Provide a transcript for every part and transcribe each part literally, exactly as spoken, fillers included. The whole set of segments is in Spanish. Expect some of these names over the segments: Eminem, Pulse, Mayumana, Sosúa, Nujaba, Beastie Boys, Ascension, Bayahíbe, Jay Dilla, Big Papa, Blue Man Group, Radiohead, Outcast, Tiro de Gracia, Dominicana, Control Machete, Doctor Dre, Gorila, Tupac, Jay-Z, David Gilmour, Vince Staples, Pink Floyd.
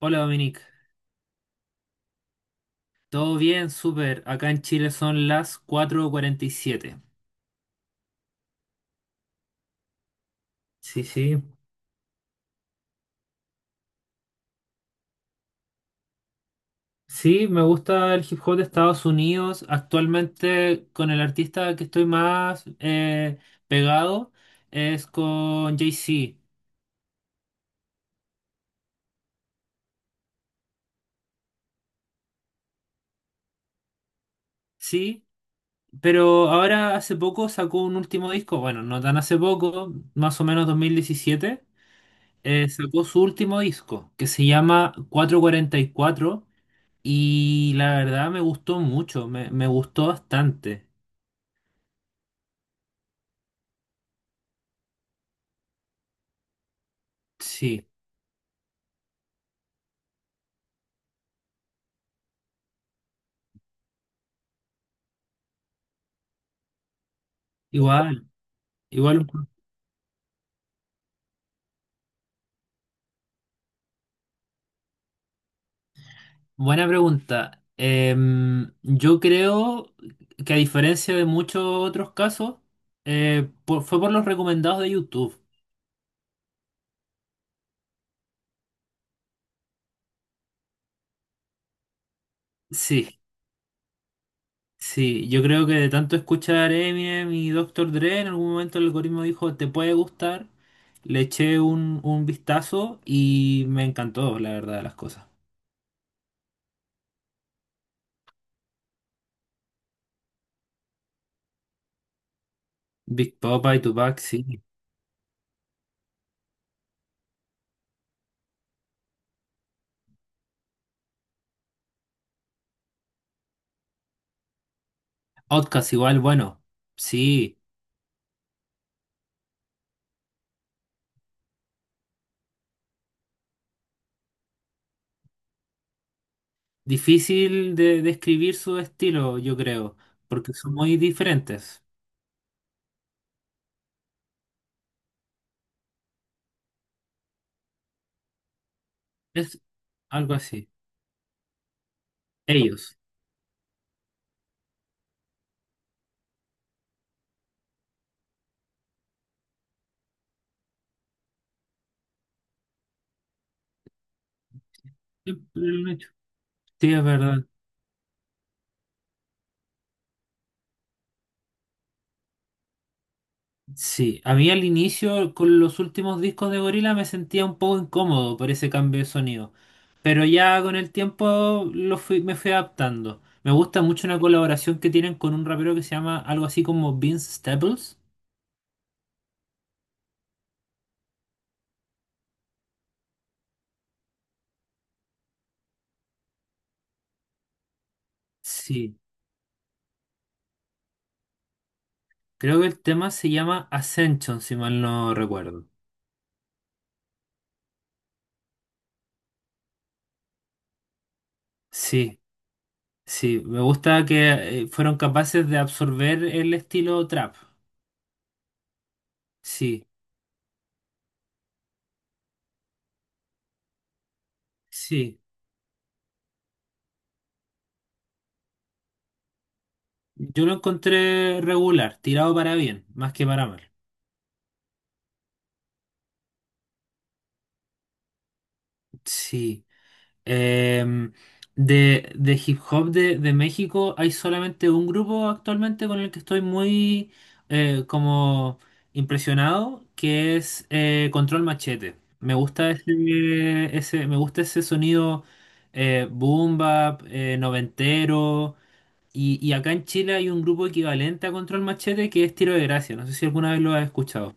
Hola Dominic, ¿todo bien? Súper. Acá en Chile son las cuatro cuarenta y siete. Sí, sí. Sí, me gusta el hip hop de Estados Unidos. Actualmente con el artista que estoy más eh, pegado es con Jay-Z. Sí, pero ahora hace poco sacó un último disco. Bueno, no tan hace poco, más o menos dos mil diecisiete. Eh, sacó su último disco que se llama cuatro cuarenta y cuatro. Y la verdad me gustó mucho, me, me gustó bastante. Sí, igual, igual, buena pregunta. Em, yo creo que a diferencia de muchos otros casos, eh, por- fue por los recomendados de YouTube. Sí, sí, yo creo que de tanto escuchar Eminem y Doctor Dre, en algún momento el algoritmo dijo, te puede gustar. Le eché un, un vistazo y me encantó, la verdad, de las cosas. Big Papa y Tupac, sí. Outcast igual, bueno, sí, difícil de describir su estilo, yo creo, porque son muy diferentes. Es algo así. Ellos. Siempre lo han hecho. Sí, es verdad. Sí, a mí al inicio con los últimos discos de Gorila me sentía un poco incómodo por ese cambio de sonido, pero ya con el tiempo lo fui- me fui adaptando. Me gusta mucho una colaboración que tienen con un rapero que se llama algo así como Vince Staples. Sí. Creo que el tema se llama Ascension, si mal no recuerdo. Sí, sí, me gusta que eh, fueron capaces de absorber el estilo trap. Sí, sí. Yo lo encontré regular, tirado para bien, más que para mal. Sí. Em, de, de hip hop de, de México hay solamente un grupo actualmente con el que estoy muy eh, como impresionado, que es eh, Control Machete. Me gusta ese, ese- me gusta ese sonido eh, boom bap, eh, noventero. Y, y acá en Chile hay un grupo equivalente a Control Machete que es Tiro de Gracia. No sé si alguna vez lo has escuchado.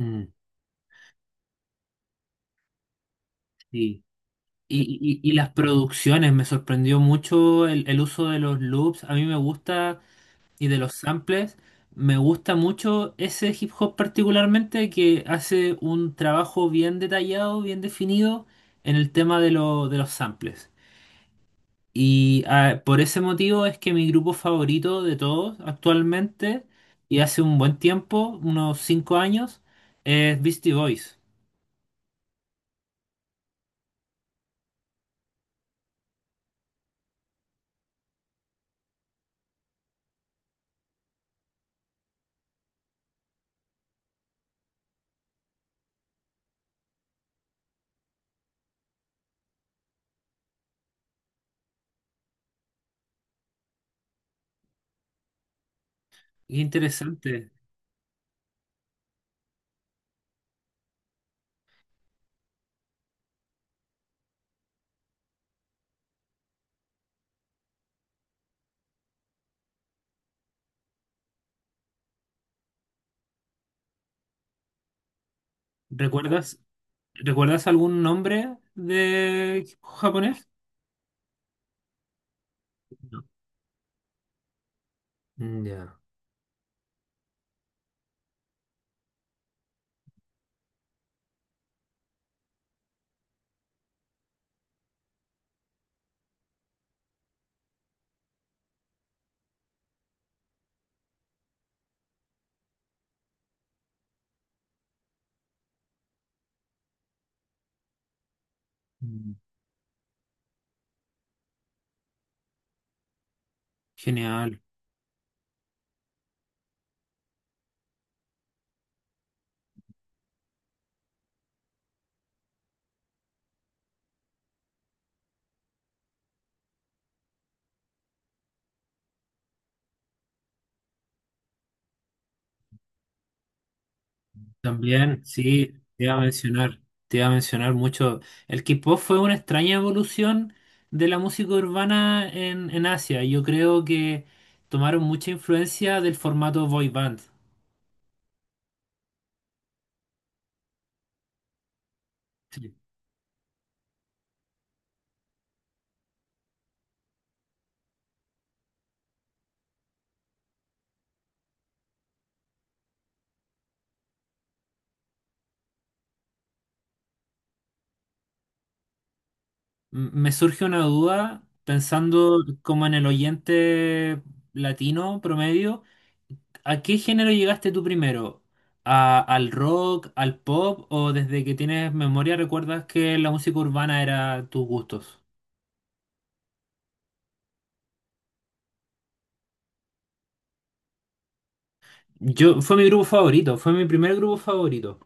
Mm, sí. Y, y- y las producciones, me sorprendió mucho el, el uso de los loops, a mí me gusta, y de los samples, me gusta mucho ese hip hop particularmente que hace un trabajo bien detallado, bien definido en el tema de, lo- de los samples. Y ah, por ese motivo es que mi grupo favorito de todos actualmente, y hace un buen tiempo, unos cinco años, es Beastie Boys. Qué interesante. ¿Recuerdas? ¿Recuerdas algún nombre de japonés? No. Mm, ya. Mm, genial. También, sí, te iba a mencionar, te iba a mencionar mucho. El K-pop fue una extraña evolución de la música urbana en, en Asia. Yo creo que tomaron mucha influencia del formato boy band. Sí. M- Me surge una duda pensando como en el oyente latino promedio. ¿A qué género llegaste tú primero? ¿A- al rock, al pop o desde que tienes memoria recuerdas que la música urbana era tus gustos? Yo, fue mi grupo favorito, fue mi primer grupo favorito.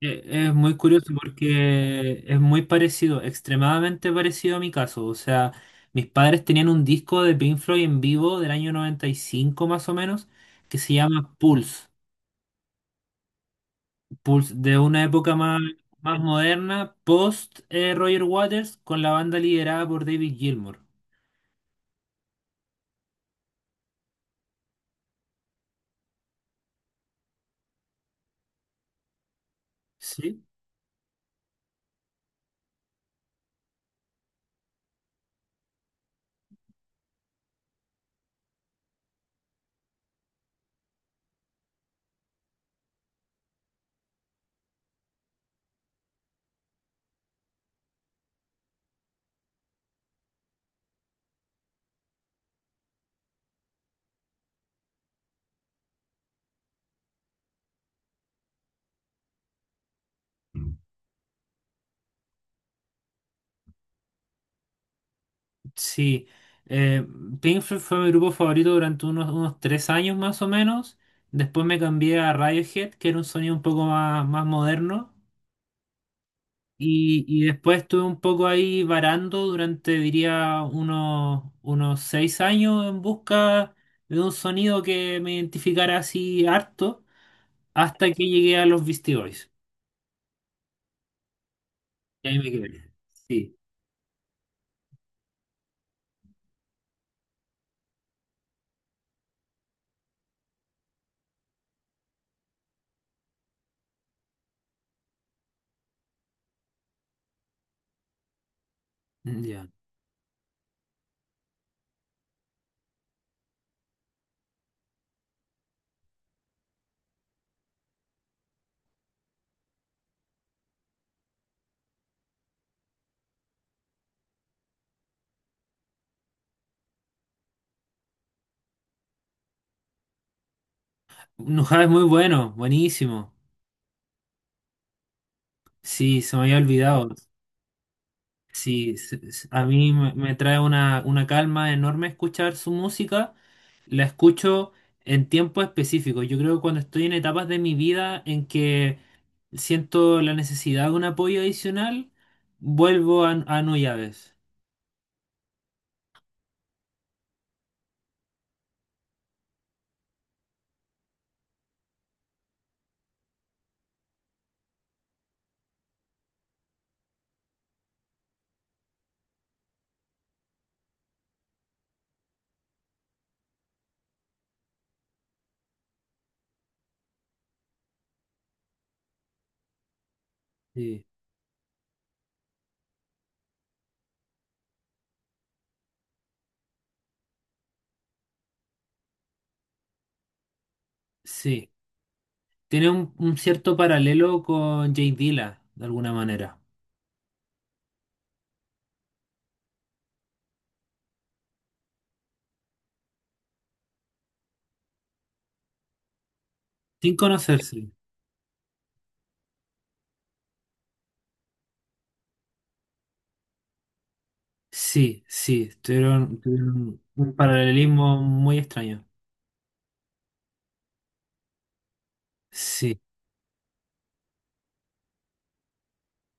Eh, Es muy curioso porque es muy parecido, extremadamente parecido a mi caso. O sea, mis padres tenían un disco de Pink Floyd en vivo del año noventa y cinco más o menos que se llama Pulse. Pulse de una época más, más moderna, post eh, Roger Waters, con la banda liderada por David Gilmour. Sí, sí. Eh, Pink Floyd fue mi grupo favorito durante unos, unos tres años más o menos. Después me cambié a Radiohead, que era un sonido un poco más, más moderno. Y, y después estuve un poco ahí varando durante, diría, unos, unos seis años en busca de un sonido que me identificara así harto, hasta que llegué a los Beastie Boys. Y ahí me quedé. Sí, ya. Nujaba es muy bueno, buenísimo. Sí, se me había olvidado. Sí, se- se- a mí me, me trae una, una calma enorme escuchar su música. La escucho en tiempo específico. Yo creo que cuando estoy en etapas de mi vida en que siento la necesidad de un apoyo adicional, vuelvo a, a no. Sí, sí. Tiene un, un cierto paralelo con Jay Dilla, de alguna manera. Sin conocerse. Sí, sí, tuvieron, tuvieron un paralelismo muy extraño. Sí,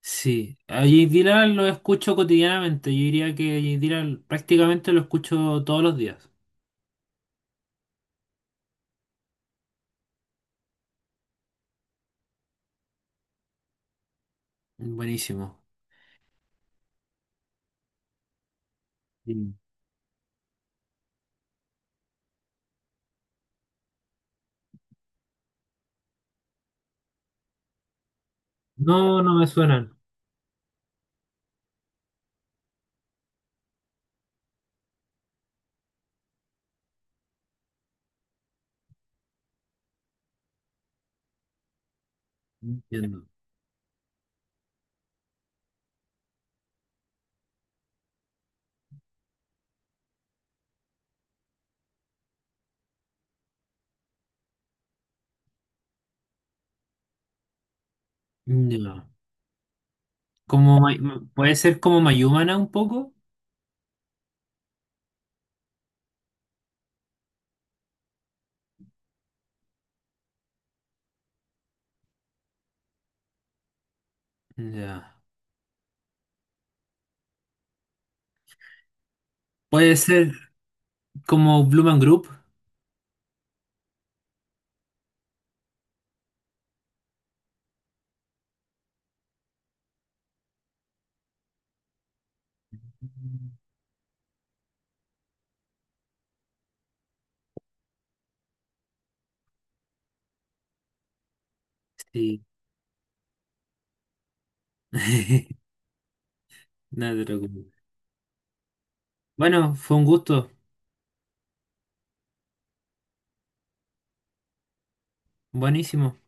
sí. A J Dylan lo escucho cotidianamente. Yo diría que J Dylan prácticamente lo escucho todos los días. Buenísimo. Sí. No, no me suenan. No entiendo. Ya. Como, May- puede ser como Mayumana un poco. Ya. Puede ser como Blue Man Group. Sí. No te preocupes. Bueno, fue un gusto. Buenísimo.